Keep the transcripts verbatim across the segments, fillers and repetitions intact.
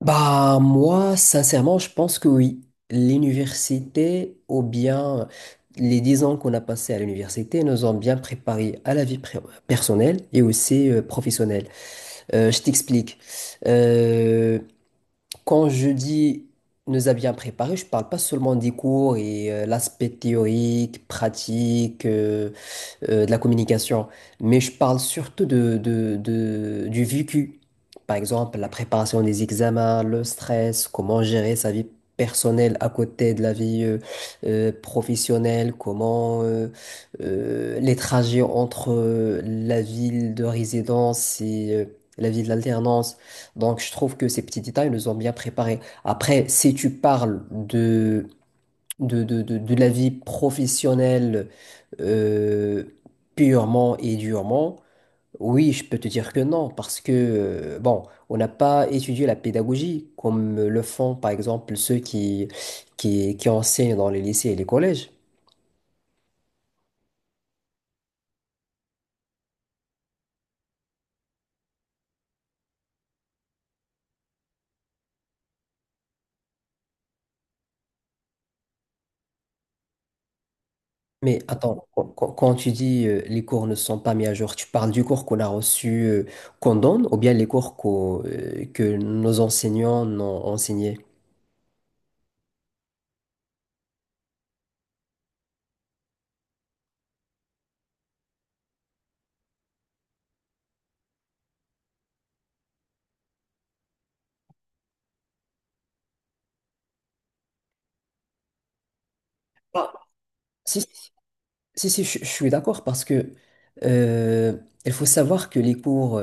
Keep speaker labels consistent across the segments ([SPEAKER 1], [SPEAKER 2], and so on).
[SPEAKER 1] Bah, moi, sincèrement, je pense que oui. L'université, ou bien les dix ans qu'on a passés à l'université, nous ont bien préparés à la vie pré- personnelle et aussi euh, professionnelle. Euh, je t'explique. Euh, quand je dis nous a bien préparés, je parle pas seulement des cours et euh, l'aspect théorique, pratique. euh, euh, de la communication, mais je parle surtout de, de- de- du vécu. Par exemple, la préparation des examens, le stress, comment gérer sa vie personnelle à côté de la vie euh, euh, professionnelle, comment euh, euh, les trajets entre euh, la ville de résidence et euh, la ville d'alternance. Donc, je trouve que ces petits détails nous ont bien préparés. Après, si tu parles de de, de, de, de la vie professionnelle euh, purement et durement, oui, je peux te dire que non, parce que, euh, bon, on n'a pas étudié la pédagogie comme le font, par exemple, ceux qui, qui, qui enseignent dans les lycées et les collèges. Mais attends, quand, quand- quand tu dis euh, les cours ne sont pas mis à jour, tu parles du cours qu'on a reçu, euh, qu'on donne, ou bien les cours qu'au- euh, que nos enseignants ont enseigné? Bah, Si, si, Si, si, je, je suis d'accord parce que euh, il faut savoir que les cours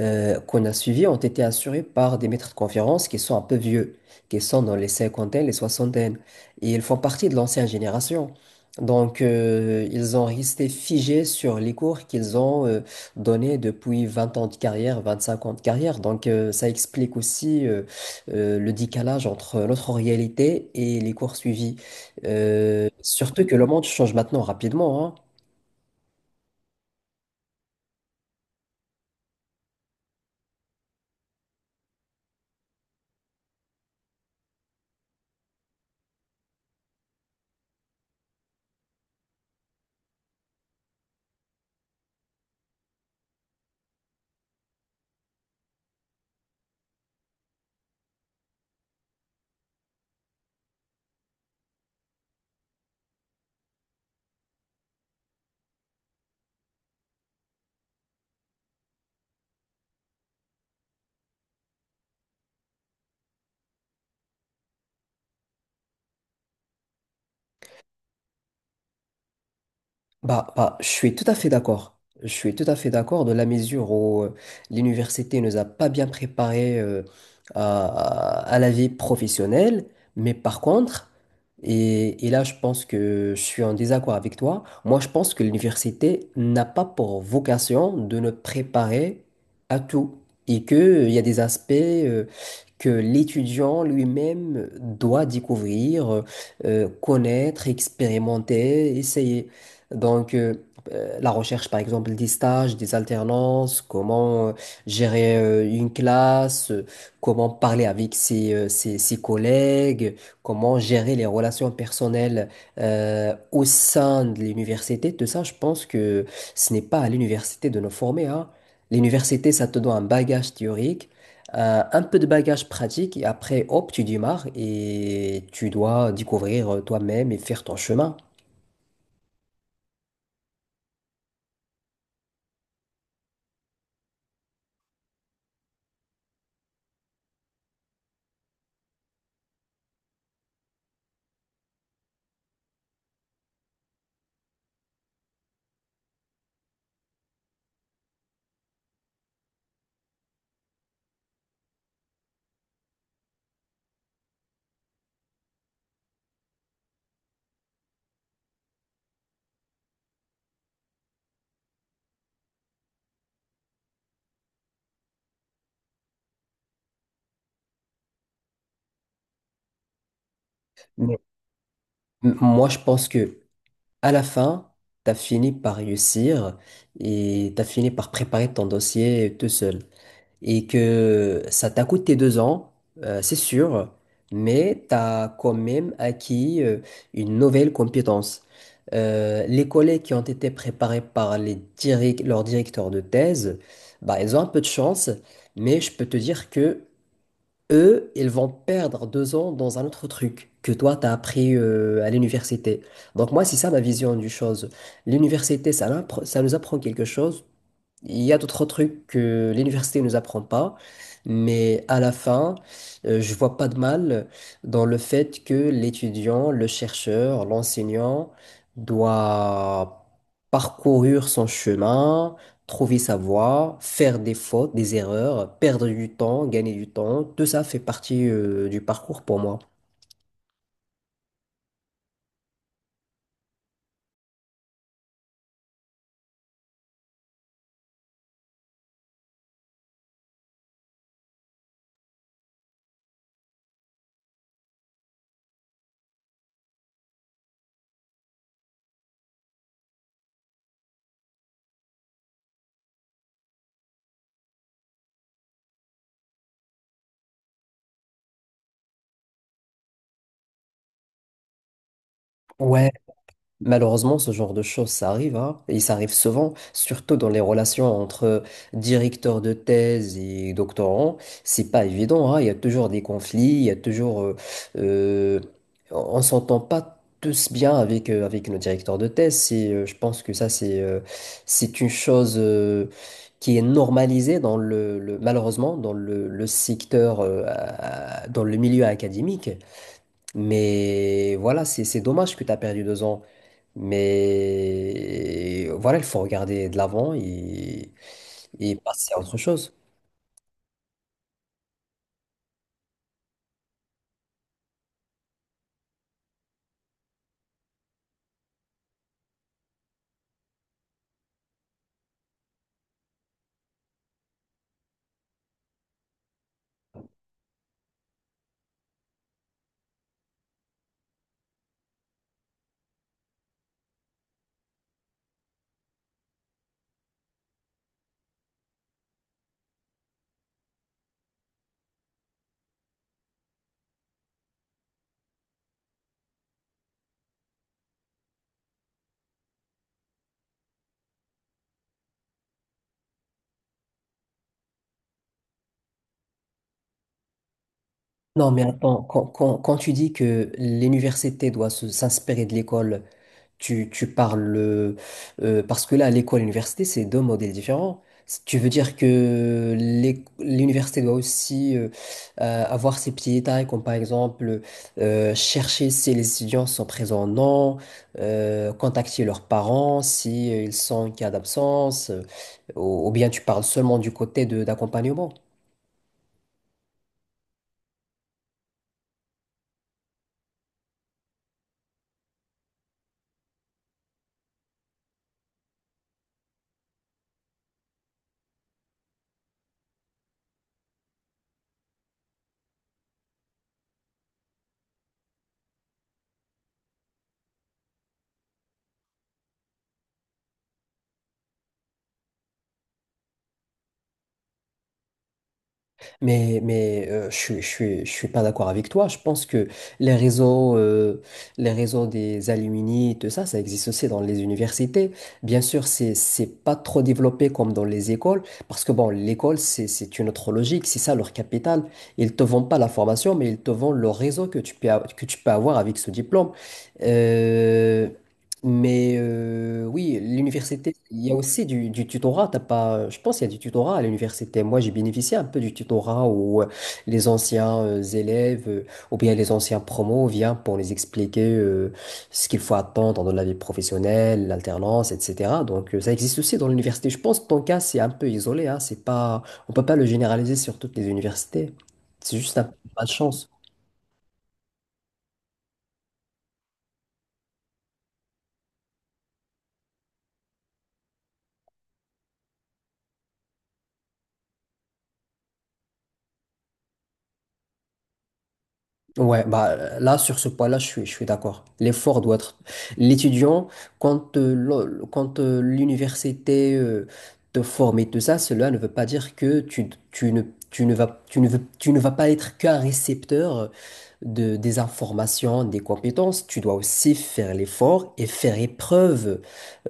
[SPEAKER 1] euh, qu'on a suivis ont été assurés par des maîtres de conférences qui sont un peu vieux, qui sont dans les cinquantaines, les soixantaines. Et ils font partie de l'ancienne génération. Donc, euh, ils ont resté figés sur les cours qu'ils ont euh, donnés depuis vingt ans de carrière, vingt-cinq ans de carrière. Donc, euh, ça explique aussi euh, euh, le décalage entre notre réalité et les cours suivis. Euh, surtout que le monde change maintenant rapidement, hein. Bah, bah, je suis tout à fait d'accord. Je suis tout à fait d'accord de la mesure où euh, l'université nous a pas bien préparés euh, à, à la vie professionnelle. Mais par contre, et, et là, je pense que je suis en désaccord avec toi. Moi, je pense que l'université n'a pas pour vocation de nous préparer à tout et que, euh, il y a des aspects euh, que l'étudiant lui-même doit découvrir, euh, connaître, expérimenter, essayer. Donc, euh, euh, la recherche, par exemple, des stages, des alternances, comment euh, gérer euh, une classe, euh, comment parler avec ses, euh, ses, ses collègues, comment gérer les relations personnelles euh, au sein de l'université, tout ça, je pense que ce n'est pas à l'université de nous former, hein. L'université, ça te donne un bagage théorique, euh, un peu de bagage pratique, et après, hop, tu démarres et tu dois découvrir euh, toi-même et faire ton chemin. M- Moi, je pense que à la fin, tu as fini par réussir et tu as fini par préparer ton dossier tout seul. Et que ça t'a coûté deux ans, euh, c'est sûr, mais tu as quand même acquis euh, une nouvelle compétence. Euh, les collègues qui ont été préparés par les direc- leurs directeurs de thèse, bah, ils ont un peu de chance, mais je peux te dire que eux, ils vont perdre deux ans dans un autre truc que toi, t'as appris euh, à l'université. Donc moi, c'est ça ma vision du chose. L'université, ça, l'impr- ça nous apprend quelque chose il y a d'autres trucs que l'université ne nous apprend pas, mais à la fin, euh, je vois pas de mal dans le fait que l'étudiant, le chercheur, l'enseignant doit parcourir son chemin, trouver sa voie, faire des fautes, des erreurs, perdre du temps, gagner du temps. Tout ça fait partie, euh, du parcours pour moi. Ouais. Malheureusement, ce genre de choses, ça arrive, hein, et ça arrive souvent, surtout dans les relations entre directeurs de thèse et doctorants. C'est pas évident, hein. Il y a toujours des conflits, il y a toujours, euh, euh, on s'entend pas tous bien avec euh, avec nos directeurs de thèse. C'est, euh, je pense que ça, c'est euh, c'est une chose euh, qui est normalisée dans le, le- malheureusement dans le, le secteur, euh, à- dans le milieu académique. Mais voilà, c'est c'est dommage que tu as perdu deux ans. Mais voilà, il faut regarder de l'avant et, et passer à autre chose. Non, mais attends, quand, quand- quand tu dis que l'université doit se- s'inspirer de l'école. Tu, tu parles euh, euh, parce que là, à l'école, à l'université, c'est deux modèles différents. Si tu veux dire que l'é- l'université doit aussi euh, euh, avoir ses petits détails, comme par exemple euh, chercher si les étudiants sont présents ou non, euh, contacter leurs parents si euh, ils sont en cas d'absence, euh, ou, ou bien tu parles seulement du côté de d'accompagnement. Mais, mais euh, je, suis- je, suis- je suis pas d'accord avec toi. Je pense que les réseaux, euh, les réseaux des alumni, tout ça, ça existe aussi dans les universités. Bien sûr, c'est, c'est pas trop développé comme dans les écoles, parce que bon, l'école, c'est, c'est une autre logique, c'est ça leur capital. Ils te vendent pas la formation, mais ils te vendent le réseau que tu peux, a- que tu peux avoir avec ce diplôme. Euh, mais euh, oui, l'université, il y a aussi du, du tutorat. T'as pas, je pense qu'il y a du tutorat à l'université. Moi, j'ai bénéficié un peu du tutorat où euh, les anciens euh, élèves euh, ou bien les anciens promos viennent pour les expliquer euh, ce qu'il faut attendre dans la vie professionnelle, l'alternance, et cetera. Donc, euh, ça existe aussi dans l'université. Je pense que ton cas, c'est un peu isolé, hein. C'est pas, on peut pas le généraliser sur toutes les universités. C'est juste un peu de malchance. Ouais, bah là sur ce point-là, je suis, je suis d'accord. L'effort doit être l'étudiant quand euh, l'o- quand euh, l'université euh, te forme et tout ça, cela ne veut pas dire que tu, tu ne tu ne vas tu ne veux- tu ne vas pas être qu'un récepteur de des informations, des compétences. Tu dois aussi faire l'effort et faire épreuve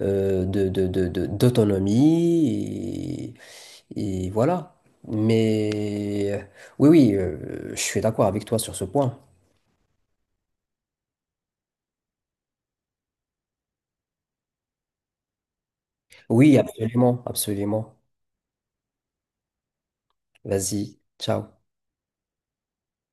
[SPEAKER 1] euh, de, de, de, de- d'autonomie et, et voilà. Mais euh, oui oui, euh, je suis d'accord avec toi sur ce point. Oui, absolument, absolument. Vas-y, ciao.